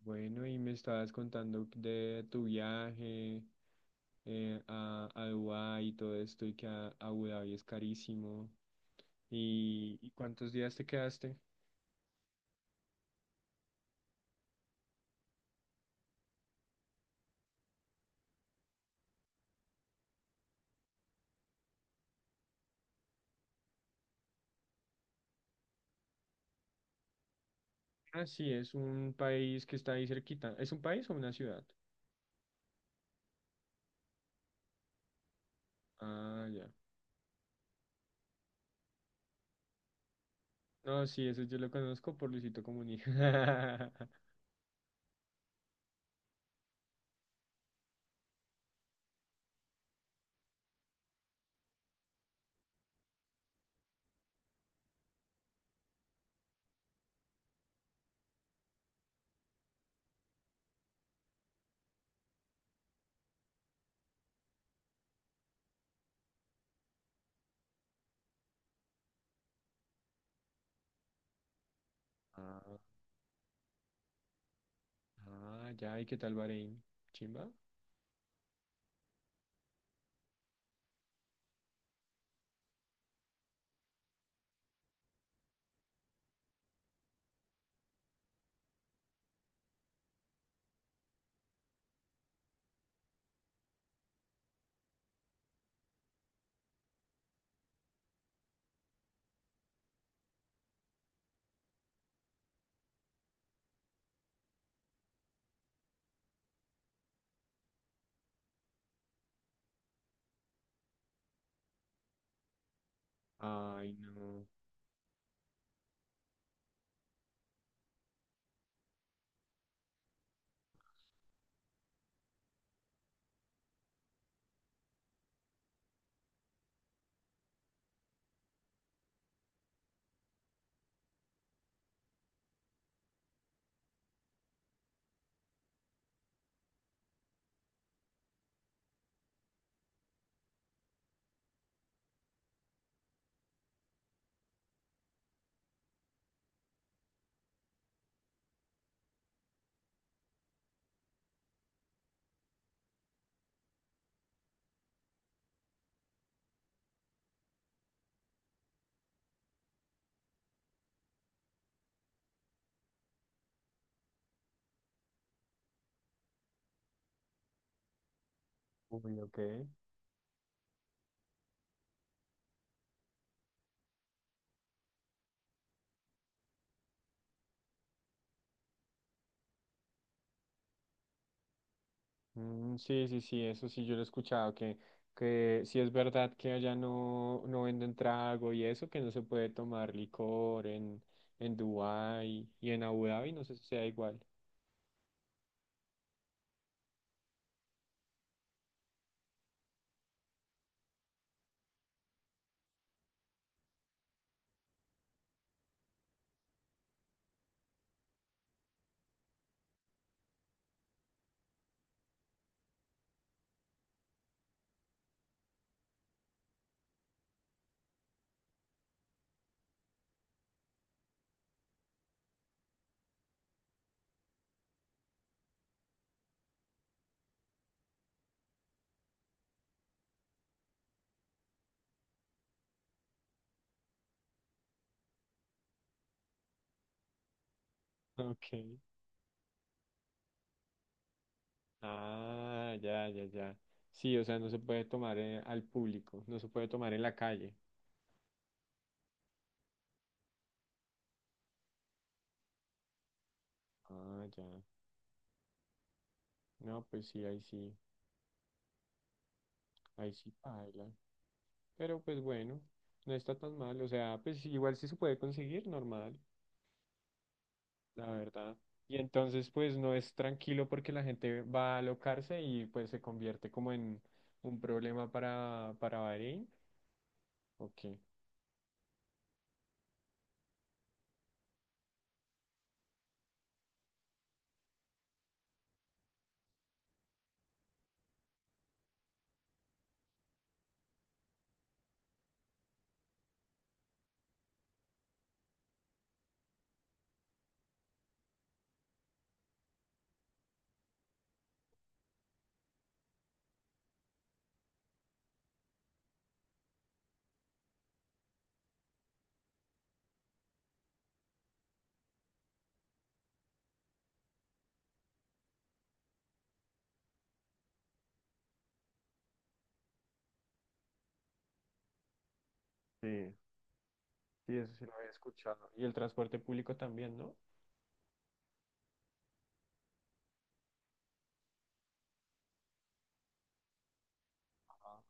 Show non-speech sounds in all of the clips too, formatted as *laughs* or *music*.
Bueno, y me estabas contando de tu viaje a Dubái y todo esto, y que a Abu Dhabi es carísimo. Y cuántos días te quedaste? Ah, sí, es un país que está ahí cerquita. ¿Es un país o una ciudad? Ah, ya. No, sí, eso yo lo conozco por Luisito Comunica. *laughs* Ah, ah, ya, ¿y qué tal Bahrein? ¿Chimba? Ay, no. Uy, ok. Mm, sí, sí, sí, eso sí, yo lo he escuchado, que sí es verdad que allá no, no venden trago y eso, que no se puede tomar licor en Dubái y en Abu Dhabi, no sé si sea igual. Ok. Ah, ya, ya, ya. Sí, o sea, no se puede tomar al público, no se puede tomar en la calle. Ah, ya. No, pues sí, ahí sí, ahí sí baila. Pero pues bueno, no está tan mal, o sea, pues igual sí se puede conseguir, normal. La verdad. Y entonces pues no es tranquilo porque la gente va a alocarse y pues se convierte como en un problema para Bahrein. Ok. Sí. Sí, eso sí lo había escuchado. Y el transporte público también, ¿no? Ajá.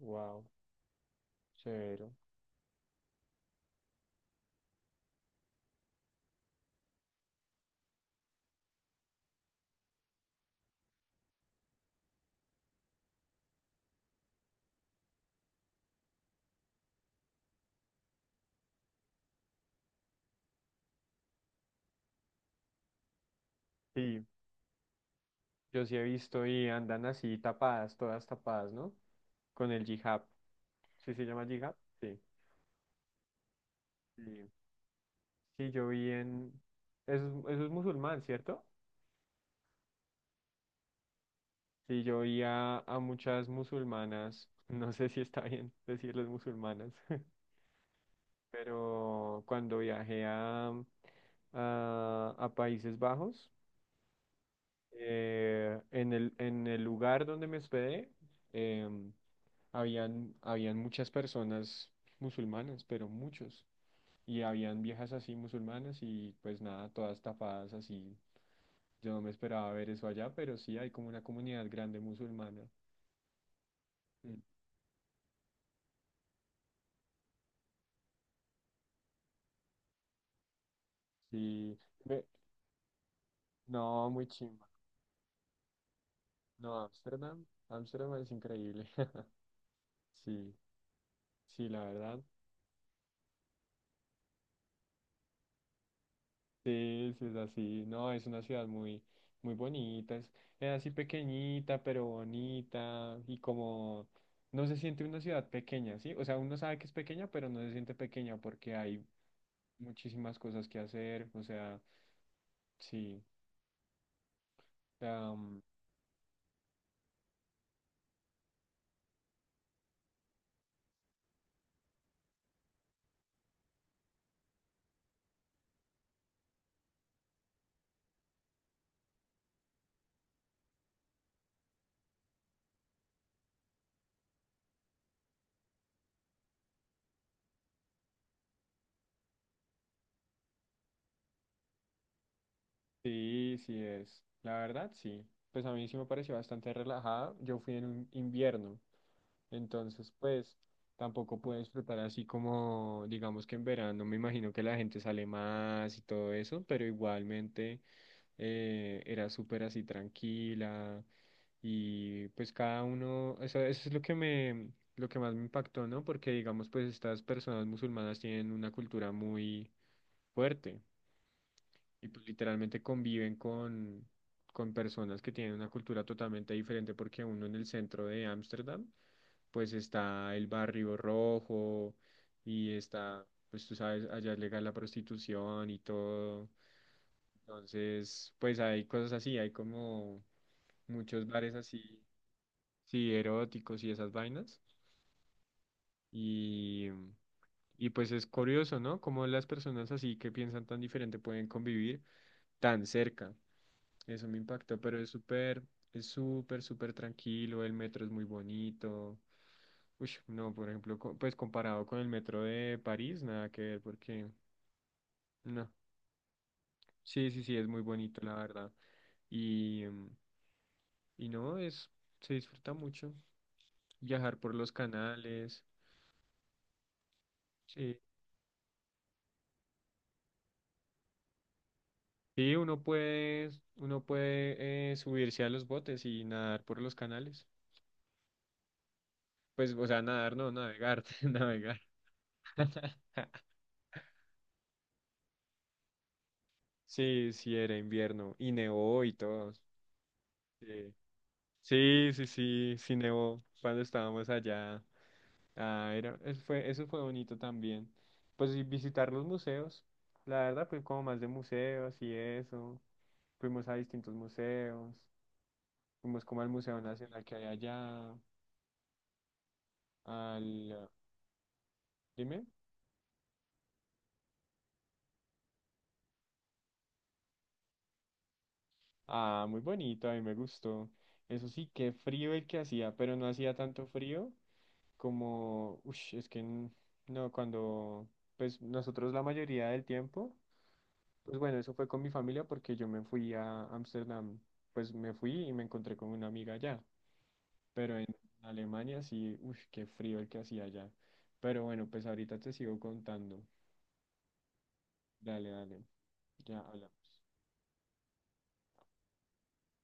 Wow, severo. Sí, yo sí he visto y andan así tapadas, todas tapadas, ¿no? Con el hijab. ¿Sí se llama hijab? Sí. Sí. Sí, yo vi en... eso es musulmán, ¿cierto? Sí, yo vi a, muchas musulmanas, *laughs* no sé si está bien decirles musulmanas, *laughs* pero cuando viajé a Países Bajos, en el lugar donde me hospedé, em, habían muchas personas musulmanas, pero muchos, y habían viejas así musulmanas y pues nada, todas tapadas así. Yo no me esperaba ver eso allá, pero sí hay como una comunidad grande musulmana. Mm. Sí. Ve- No, muy chimba. No, Ámsterdam. Ámsterdam es increíble. *laughs* Sí, sí, la verdad. Sí, sí, es así. No, es una ciudad muy, muy bonita. Es así pequeñita, pero bonita. Y como no se siente una ciudad pequeña, ¿sí? O sea, uno sabe que es pequeña, pero no se siente pequeña porque hay muchísimas cosas que hacer. O sea, sí. am, sí, sí es. La verdad, sí. Pues a mí sí me pareció bastante relajada. Yo fui en un invierno. Entonces, pues tampoco puedo disfrutar así como, digamos que en verano me imagino que la gente sale más y todo eso, pero igualmente era súper así tranquila y pues cada uno, eso es lo que me, lo que más me impactó, ¿no? Porque digamos pues estas personas musulmanas tienen una cultura muy fuerte y pues literalmente conviven con personas que tienen una cultura totalmente diferente porque uno en el centro de Ámsterdam pues está el Barrio Rojo y está, pues tú sabes, allá es legal la prostitución y todo. Entonces, pues hay cosas así, hay como muchos bares así, sí, eróticos y esas vainas. Y, y pues es curioso, ¿no? Cómo las personas así que piensan tan diferente pueden convivir tan cerca. Eso me impactó, pero es súper, súper tranquilo, el metro es muy bonito. Uy, no, por ejemplo, co- pues comparado con el metro de París, nada que ver, porque no. Sí, sí, sí, es muy bonito, la verdad. Y, mm, y no, es, se disfruta mucho viajar por los canales. Sí. Sí, uno puede subirse a los botes y nadar por los canales. Pues, o sea, nadar, no, navegar, *laughs* navegar. Sí, sí, era invierno y nevó y todo. Sí, sí, sí, sí, sí, nevó cuando estábamos allá. Ah, era, eso fue bonito también. Pues y visitar los museos. La verdad, pues como más de museos y eso. Fuimos a distintos museos. Fuimos como al Museo Nacional que hay allá. Al, ah, dime. Ah, muy bonito, a mí me gustó. Eso sí, qué frío el que hacía, pero no hacía tanto frío como, uff, es que n- no, cuando, pues nosotros la mayoría del tiempo. Pues bueno, eso fue con mi familia porque yo me fui a Ámsterdam, pues me fui y me encontré con una amiga allá, pero en Alemania sí, uff, qué frío el que hacía allá. Pero bueno, pues ahorita te sigo contando. Dale, dale, ya hablamos.